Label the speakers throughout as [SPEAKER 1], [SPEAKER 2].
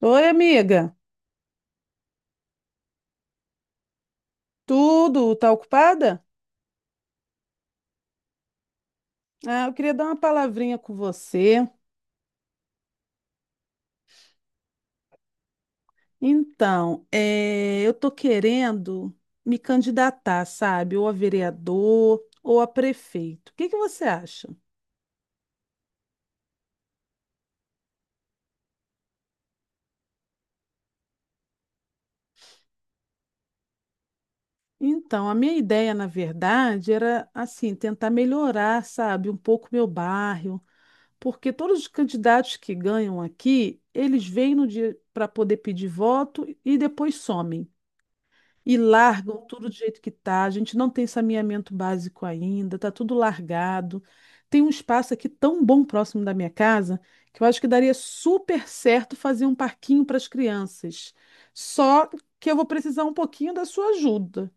[SPEAKER 1] Oi, amiga. Tudo? Tá ocupada? Ah, eu queria dar uma palavrinha com você. Então, eu tô querendo me candidatar, sabe? Ou a vereador ou a prefeito. O que que você acha? Então, a minha ideia, na verdade, era assim, tentar melhorar, sabe, um pouco meu bairro, porque todos os candidatos que ganham aqui, eles vêm no dia para poder pedir voto e depois somem. E largam tudo do jeito que tá. A gente não tem saneamento básico ainda, tá tudo largado. Tem um espaço aqui tão bom próximo da minha casa que eu acho que daria super certo fazer um parquinho para as crianças. Só que eu vou precisar um pouquinho da sua ajuda.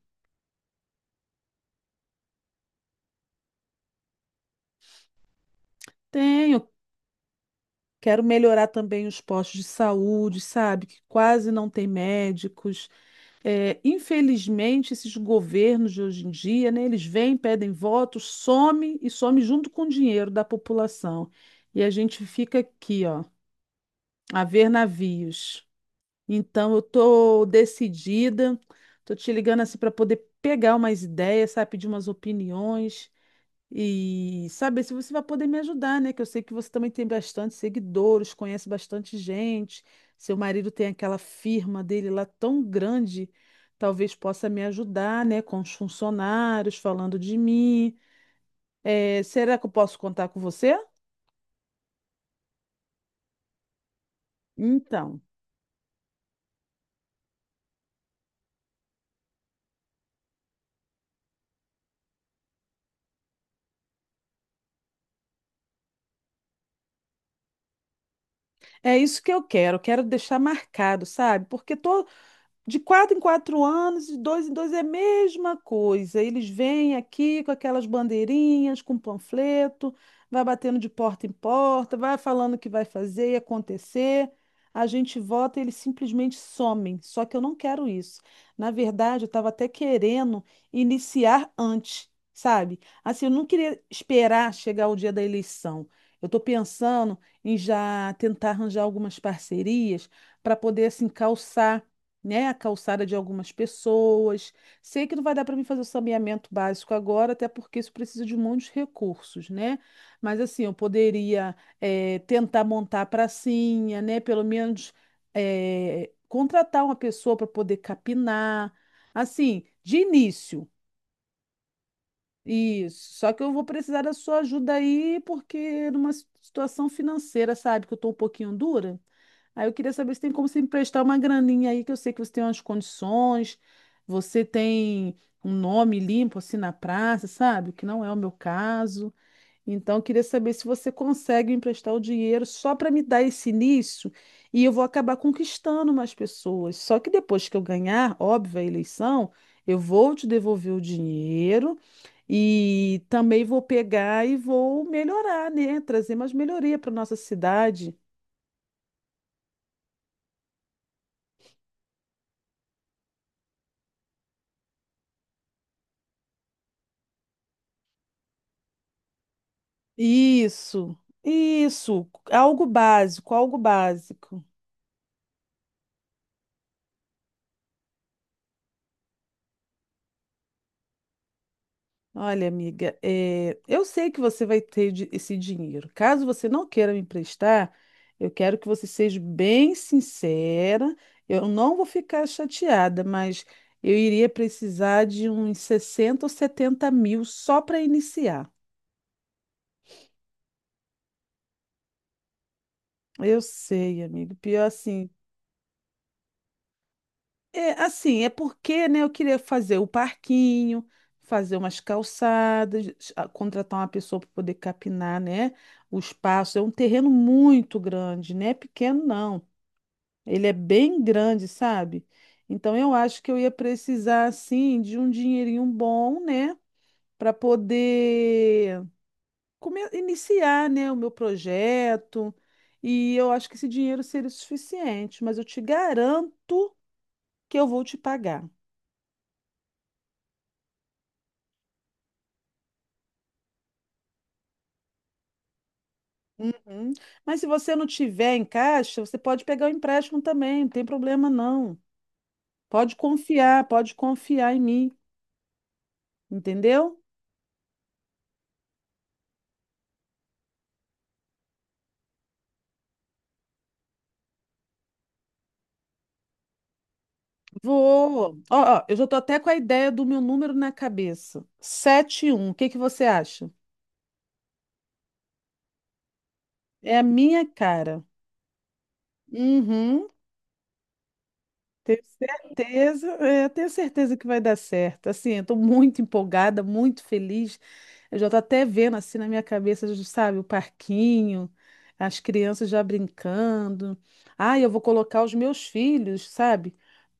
[SPEAKER 1] Tenho, quero melhorar também os postos de saúde, sabe? Que quase não tem médicos. É, infelizmente, esses governos de hoje em dia, né, eles vêm, pedem votos, some e some junto com o dinheiro da população. E a gente fica aqui, ó, a ver navios. Então, eu tô decidida, tô te ligando assim para poder pegar umas ideias, sabe, pedir umas opiniões. E saber se você vai poder me ajudar, né? Que eu sei que você também tem bastante seguidores, conhece bastante gente. Seu marido tem aquela firma dele lá tão grande, talvez possa me ajudar, né? Com os funcionários, falando de mim. Será que eu posso contar com você? Então, é isso que eu quero. Quero deixar marcado, sabe? Porque de quatro em quatro anos, de dois em dois é a mesma coisa. Eles vêm aqui com aquelas bandeirinhas, com panfleto, vai batendo de porta em porta, vai falando o que vai fazer e acontecer. A gente vota e eles simplesmente somem. Só que eu não quero isso. Na verdade, eu estava até querendo iniciar antes, sabe? Assim, eu não queria esperar chegar o dia da eleição. Eu estou pensando em já tentar arranjar algumas parcerias para poder assim calçar, né, a calçada de algumas pessoas. Sei que não vai dar para mim fazer o saneamento básico agora, até porque isso precisa de muitos recursos, né? Mas assim, eu poderia tentar montar a pracinha, né? Pelo menos contratar uma pessoa para poder capinar, assim, de início. Isso, só que eu vou precisar da sua ajuda aí, porque numa situação financeira, sabe, que eu estou um pouquinho dura. Aí eu queria saber se tem como você emprestar uma graninha aí, que eu sei que você tem umas condições, você tem um nome limpo assim na praça, sabe? O que não é o meu caso. Então, eu queria saber se você consegue emprestar o dinheiro só para me dar esse início e eu vou acabar conquistando mais pessoas. Só que depois que eu ganhar, óbvio, a eleição, eu vou te devolver o dinheiro e também vou pegar e vou melhorar, né? Trazer mais melhoria para nossa cidade. Isso, isso, algo básico, algo básico. Olha, amiga, eu sei que você vai ter esse dinheiro. Caso você não queira me emprestar, eu quero que você seja bem sincera. Eu não vou ficar chateada, mas eu iria precisar de uns 60 ou 70 mil só para iniciar. Eu sei, amigo. Pior assim, é, assim, é porque, né, eu queria fazer o parquinho, fazer umas calçadas, contratar uma pessoa para poder capinar, né, o espaço. É um terreno muito grande, não é pequeno, não. Ele é bem grande, sabe? Então, eu acho que eu ia precisar, assim, de um dinheirinho bom, né, para poder iniciar, né, o meu projeto. E eu acho que esse dinheiro seria o suficiente, mas eu te garanto que eu vou te pagar. Uhum. Mas se você não tiver em caixa, você pode pegar o empréstimo também, não tem problema não. Pode confiar em mim, entendeu? Vou. Ó, ó, eu já tô até com a ideia do meu número na cabeça. 71. O que que você acha? É a minha cara. Uhum. Tenho certeza, é, tenho certeza que vai dar certo. Assim, eu tô muito empolgada, muito feliz. Eu já tô até vendo assim na minha cabeça, já sabe, o parquinho, as crianças já brincando. Ah, eu vou colocar os meus filhos, sabe,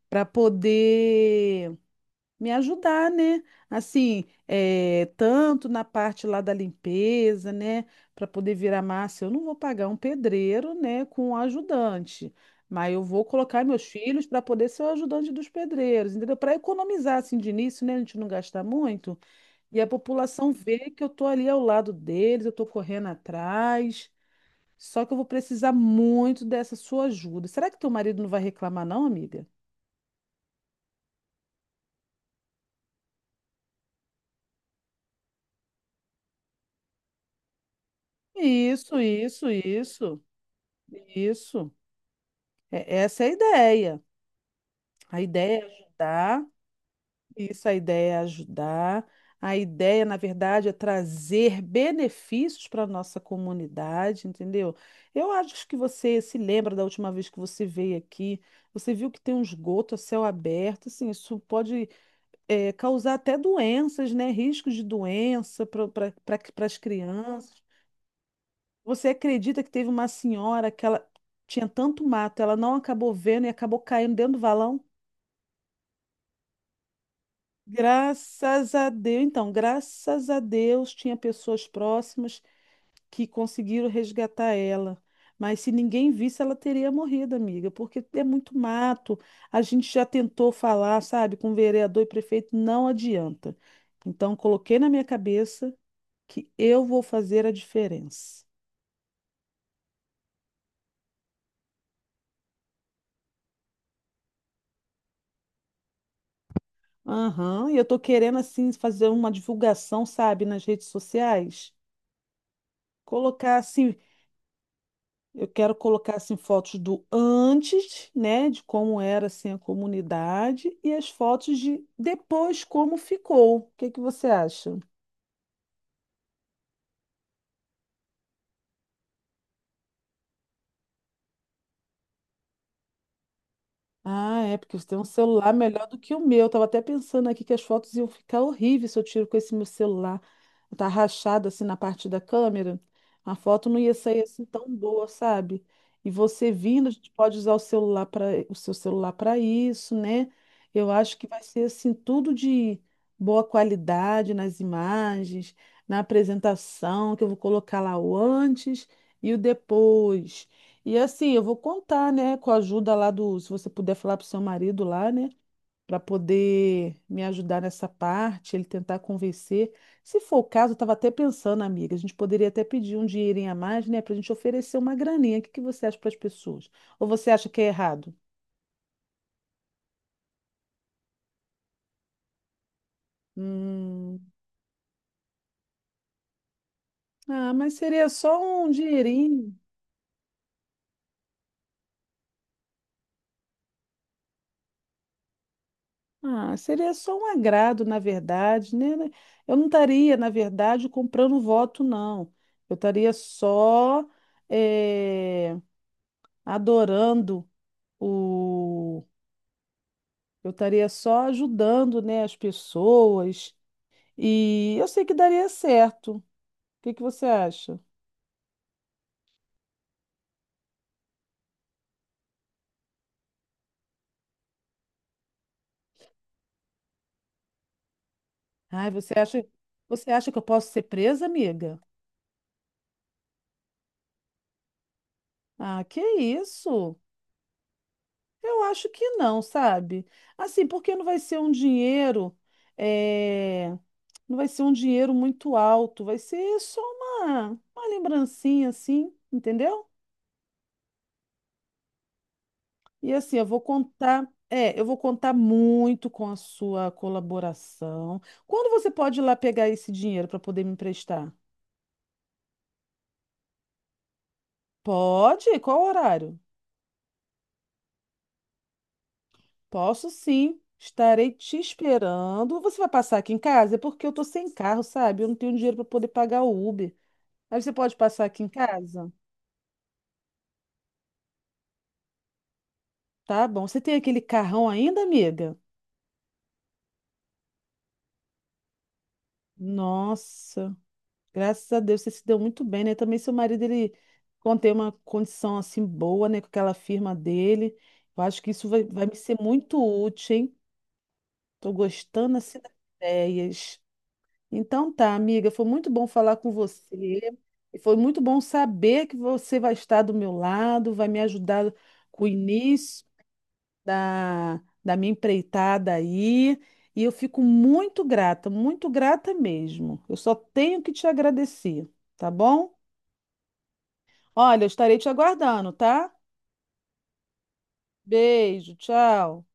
[SPEAKER 1] para poder me ajudar, né? Assim, tanto na parte lá da limpeza, né? Para poder virar massa, eu não vou pagar um pedreiro, né, com um ajudante, mas eu vou colocar meus filhos para poder ser o ajudante dos pedreiros, entendeu? Para economizar assim de início, né? A gente não gastar muito e a população vê que eu tô ali ao lado deles, eu tô correndo atrás. Só que eu vou precisar muito dessa sua ajuda. Será que teu marido não vai reclamar, não, amiga? Isso, isso, isso, isso. Essa é a ideia. A ideia é ajudar, isso, a ideia é ajudar. A ideia, na verdade, é trazer benefícios para a nossa comunidade, entendeu? Eu acho que você se lembra da última vez que você veio aqui, você viu que tem um esgoto a céu aberto, assim, isso pode causar até doenças, né? Riscos de doença para as crianças. Você acredita que teve uma senhora que ela tinha tanto mato, ela não acabou vendo e acabou caindo dentro do valão? Graças a Deus, então, graças a Deus tinha pessoas próximas que conseguiram resgatar ela. Mas se ninguém visse, ela teria morrido, amiga, porque é muito mato. A gente já tentou falar, sabe, com vereador e prefeito, não adianta. Então, coloquei na minha cabeça que eu vou fazer a diferença. Aham, e eu tô querendo, assim, fazer uma divulgação, sabe, nas redes sociais. Colocar, assim, eu quero colocar assim fotos do antes, né, de como era assim a comunidade e as fotos de depois como ficou. O que que você acha? Ah, é, porque você tem um celular melhor do que o meu. Eu tava até pensando aqui que as fotos iam ficar horríveis se eu tiro com esse meu celular. Tá rachado assim na parte da câmera. A foto não ia sair assim tão boa, sabe? E você vindo, a gente pode usar o seu celular para isso, né? Eu acho que vai ser assim tudo de boa qualidade nas imagens, na apresentação, que eu vou colocar lá o antes e o depois. E assim, eu vou contar, né, com a ajuda lá do, se você puder falar pro seu marido lá, né, para poder me ajudar nessa parte, ele tentar convencer. Se for o caso, eu estava até pensando, amiga, a gente poderia até pedir um dinheirinho a mais, né, para a gente oferecer uma graninha. O que que você acha para as pessoas? Ou você acha que é errado? Hum, ah, mas seria só um dinheirinho. Ah, seria só um agrado, na verdade, né? Eu não estaria, na verdade, comprando voto, não. Eu estaria só eh, adorando o. Eu estaria só ajudando, né, as pessoas. E eu sei que daria certo. O que que você acha? Ai, você acha que eu posso ser presa, amiga? Ah, que isso? Eu acho que não, sabe? Assim, porque não vai ser um dinheiro, eh, não vai ser um dinheiro muito alto, vai ser só uma lembrancinha, assim, entendeu? E assim, eu vou contar, é, eu vou contar muito com a sua colaboração. Quando você pode ir lá pegar esse dinheiro para poder me emprestar? Pode? Qual horário? Posso sim. Estarei te esperando. Você vai passar aqui em casa? É porque eu tô sem carro, sabe? Eu não tenho dinheiro para poder pagar o Uber. Aí você pode passar aqui em casa? Tá bom. Você tem aquele carrão ainda, amiga? Nossa, graças a Deus você se deu muito bem, né? Também seu marido, ele contém uma condição assim boa, né? Com aquela firma dele. Eu acho que isso vai, vai me ser muito útil, hein? Tô gostando assim das ideias. Então tá, amiga, foi muito bom falar com você. E foi muito bom saber que você vai estar do meu lado, vai me ajudar com o início da minha empreitada aí. E eu fico muito grata mesmo. Eu só tenho que te agradecer, tá bom? Olha, eu estarei te aguardando, tá? Beijo, tchau.